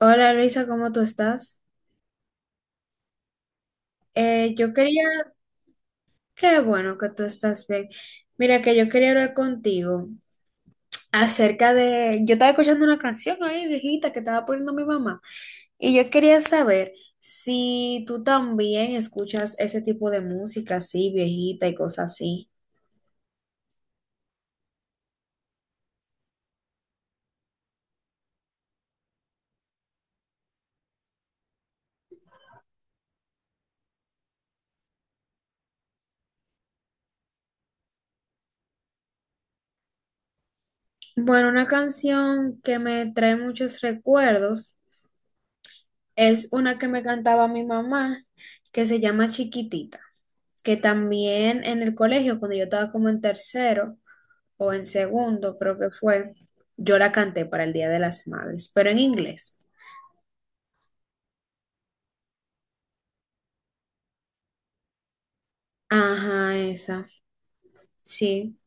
Hola Luisa, ¿cómo tú estás? Yo quería, qué bueno que tú estás bien. Mira, que yo quería hablar contigo acerca de, yo estaba escuchando una canción ahí viejita que estaba poniendo mi mamá y yo quería saber si tú también escuchas ese tipo de música así, viejita y cosas así. Bueno, una canción que me trae muchos recuerdos. Es una que me cantaba mi mamá, que se llama Chiquitita, que también en el colegio, cuando yo estaba como en tercero o en segundo, creo que fue, yo la canté para el Día de las Madres, pero en inglés. Ajá, esa, sí.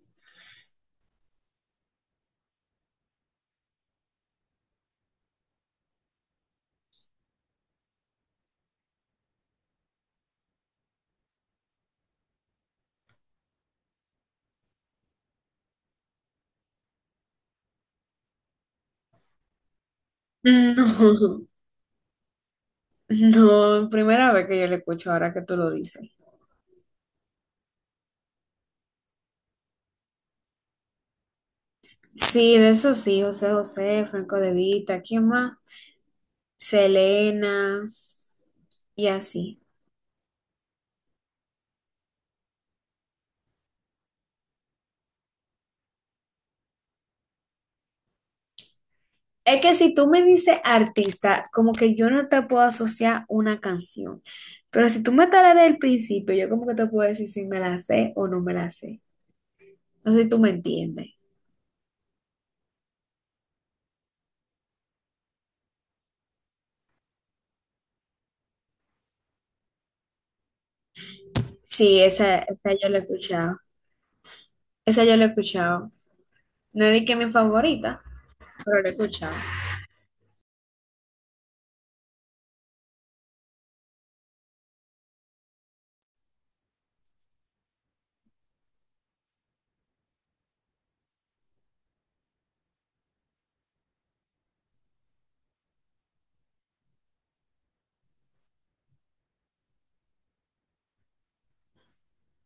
No, no, primera vez que yo le escucho ahora que tú lo dices. Sí, de eso sí, José José, Franco De Vita, ¿quién más? Selena y así. Es que si tú me dices artista, como que yo no te puedo asociar una canción. Pero si tú me talas desde el principio, yo como que te puedo decir si me la sé o no me la sé. No sé si tú me entiendes. Sí, esa yo la he escuchado. Esa yo la he escuchado. No es que es mi favorita, pero la he escuchado.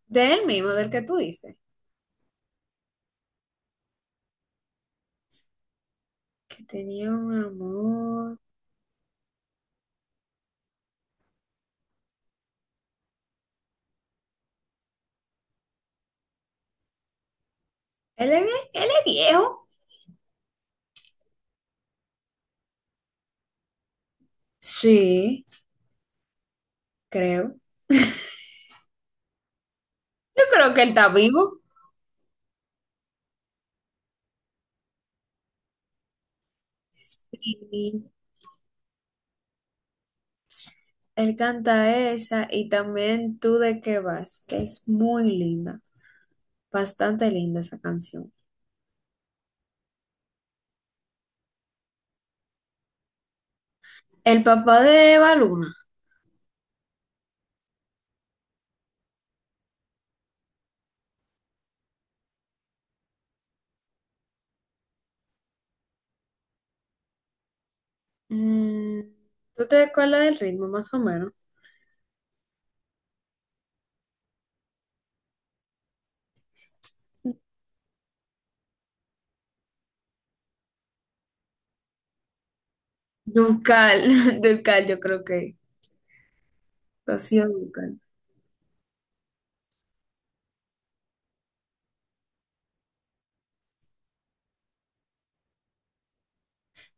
De él mismo, del que tú dices. Que tenía un amor. Él es, él es viejo. Sí, creo. Yo creo que él está vivo. Sí. Él canta esa y también Tú de qué vas, que es muy linda, bastante linda esa canción. El papá de Eva Luna. Mm, ¿tú te acuerdas del ritmo más o menos? Dulcal, Dulcal yo creo que. Rocío Dulcal.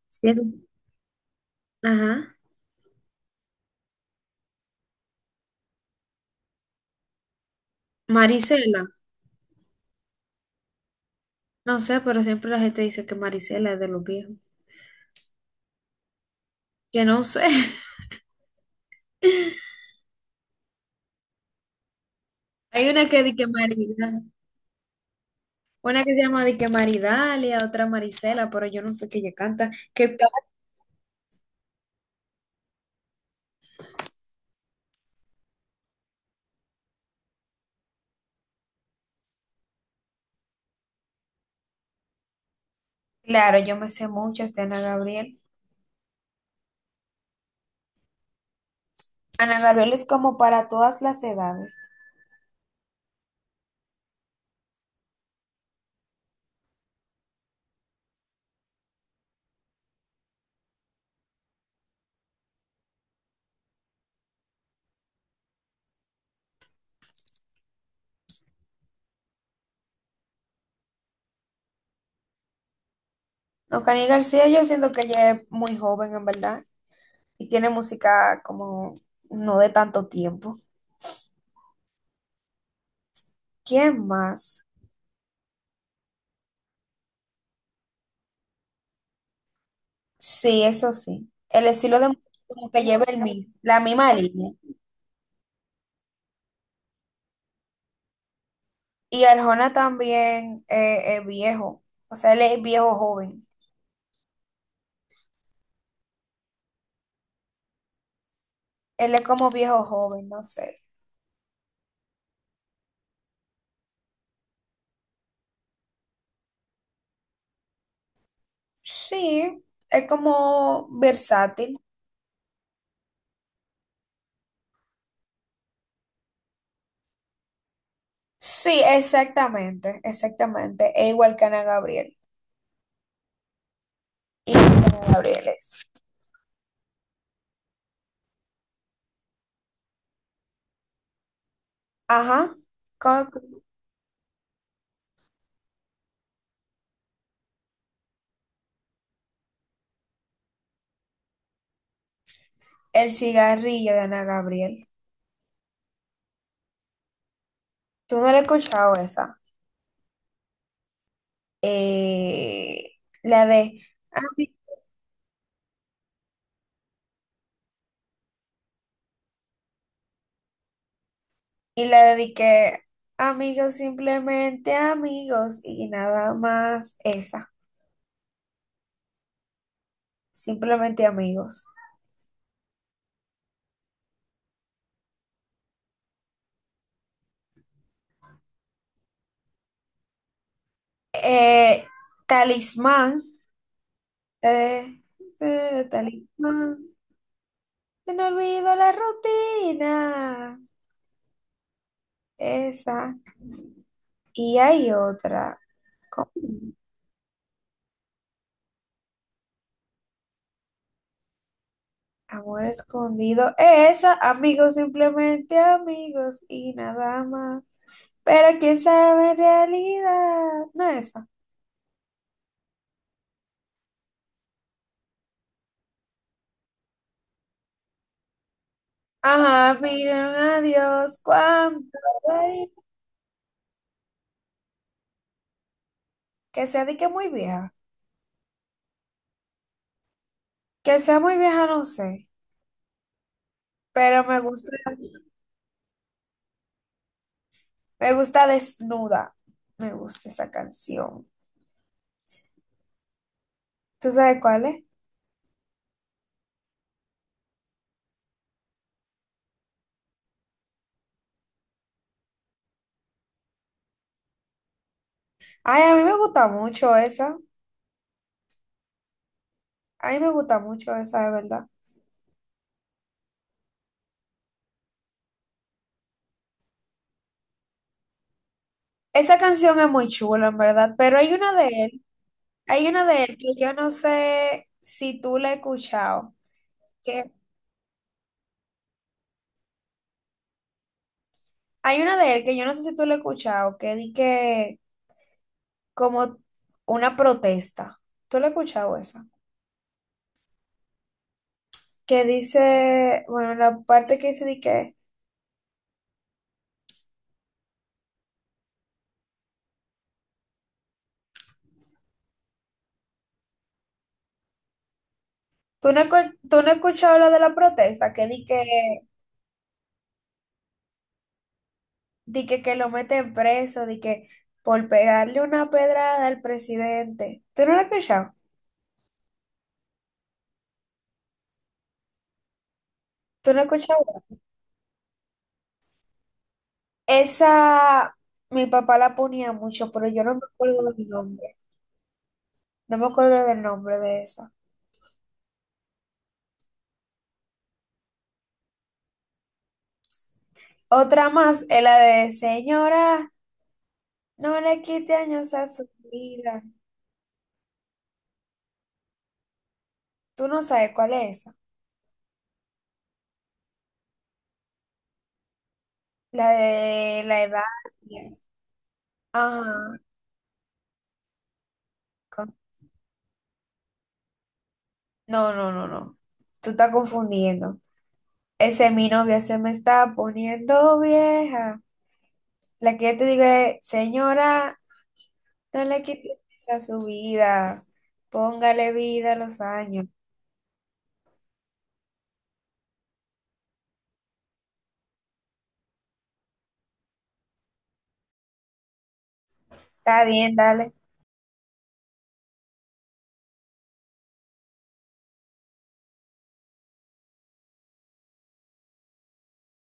Sí, es- Ajá. Marisela. No sé, pero siempre la gente dice que Marisela es de los viejos. Que no sé. Hay una que dice que Marida. Una que se llama dice que Maridalia, otra Marisela, pero yo no sé qué ella canta. Que claro, yo me sé muchas de Ana Gabriel. Ana Gabriel es como para todas las edades. No, Cani García, yo siento que ella es muy joven en verdad y tiene música como no de tanto tiempo. ¿Quién más? Sí, eso sí. El estilo de música como que lleva el mismo, la misma línea. Y Arjona también es viejo, o sea, él es viejo joven. Él es como viejo joven, no sé. Sí, es como versátil. Sí, exactamente, exactamente. Es igual que Ana Gabriel. Igual que Ana Gabriel es. Ajá. Con el cigarrillo de Ana Gabriel. ¿Tú no la has escuchado esa? Eh, la de... "Ami-" Y la dediqué, amigos, simplemente amigos y nada más esa. Simplemente amigos. Eh, talismán. eh, talismán. Que no olvido la rutina. Esa. Y hay otra. ¿Cómo? Amor escondido. Esa, amigos, simplemente amigos y nada más. Pero quién sabe en realidad. No esa. Ajá, miren, adiós. ¿Cuánto hay? Que sea de que muy vieja. Que sea muy vieja, no sé. Pero me gusta desnuda. Me gusta esa canción. ¿Tú sabes cuál es? Ay, a mí me gusta mucho esa. A mí me gusta mucho esa, de verdad. Esa canción es muy chula, en verdad, pero hay una de él, hay una de él que yo no sé si tú la has escuchado, que hay una de él que yo no sé si tú la has escuchado, que di que como una protesta. ¿Tú la has escuchado esa? Que dice, bueno, la parte que dice di que tú no, tú no has escuchado lo de la protesta, que di que di que lo meten preso, di que por pegarle una pedrada al presidente. ¿Tú no la has escuchado? ¿Tú no has escuchado? Esa, mi papá la ponía mucho, pero yo no me acuerdo del nombre. No me acuerdo del nombre de esa. Otra más es la de Señora, no le quite años a su vida. Tú no sabes cuál es esa. La de la edad. Y eso. Ajá. con- No, no, no, no. Tú estás confundiendo. Ese es mi novia, se me está poniendo vieja. La que yo te digo es, señora, no le quite años a su vida. Póngale vida a los años. Está bien, dale.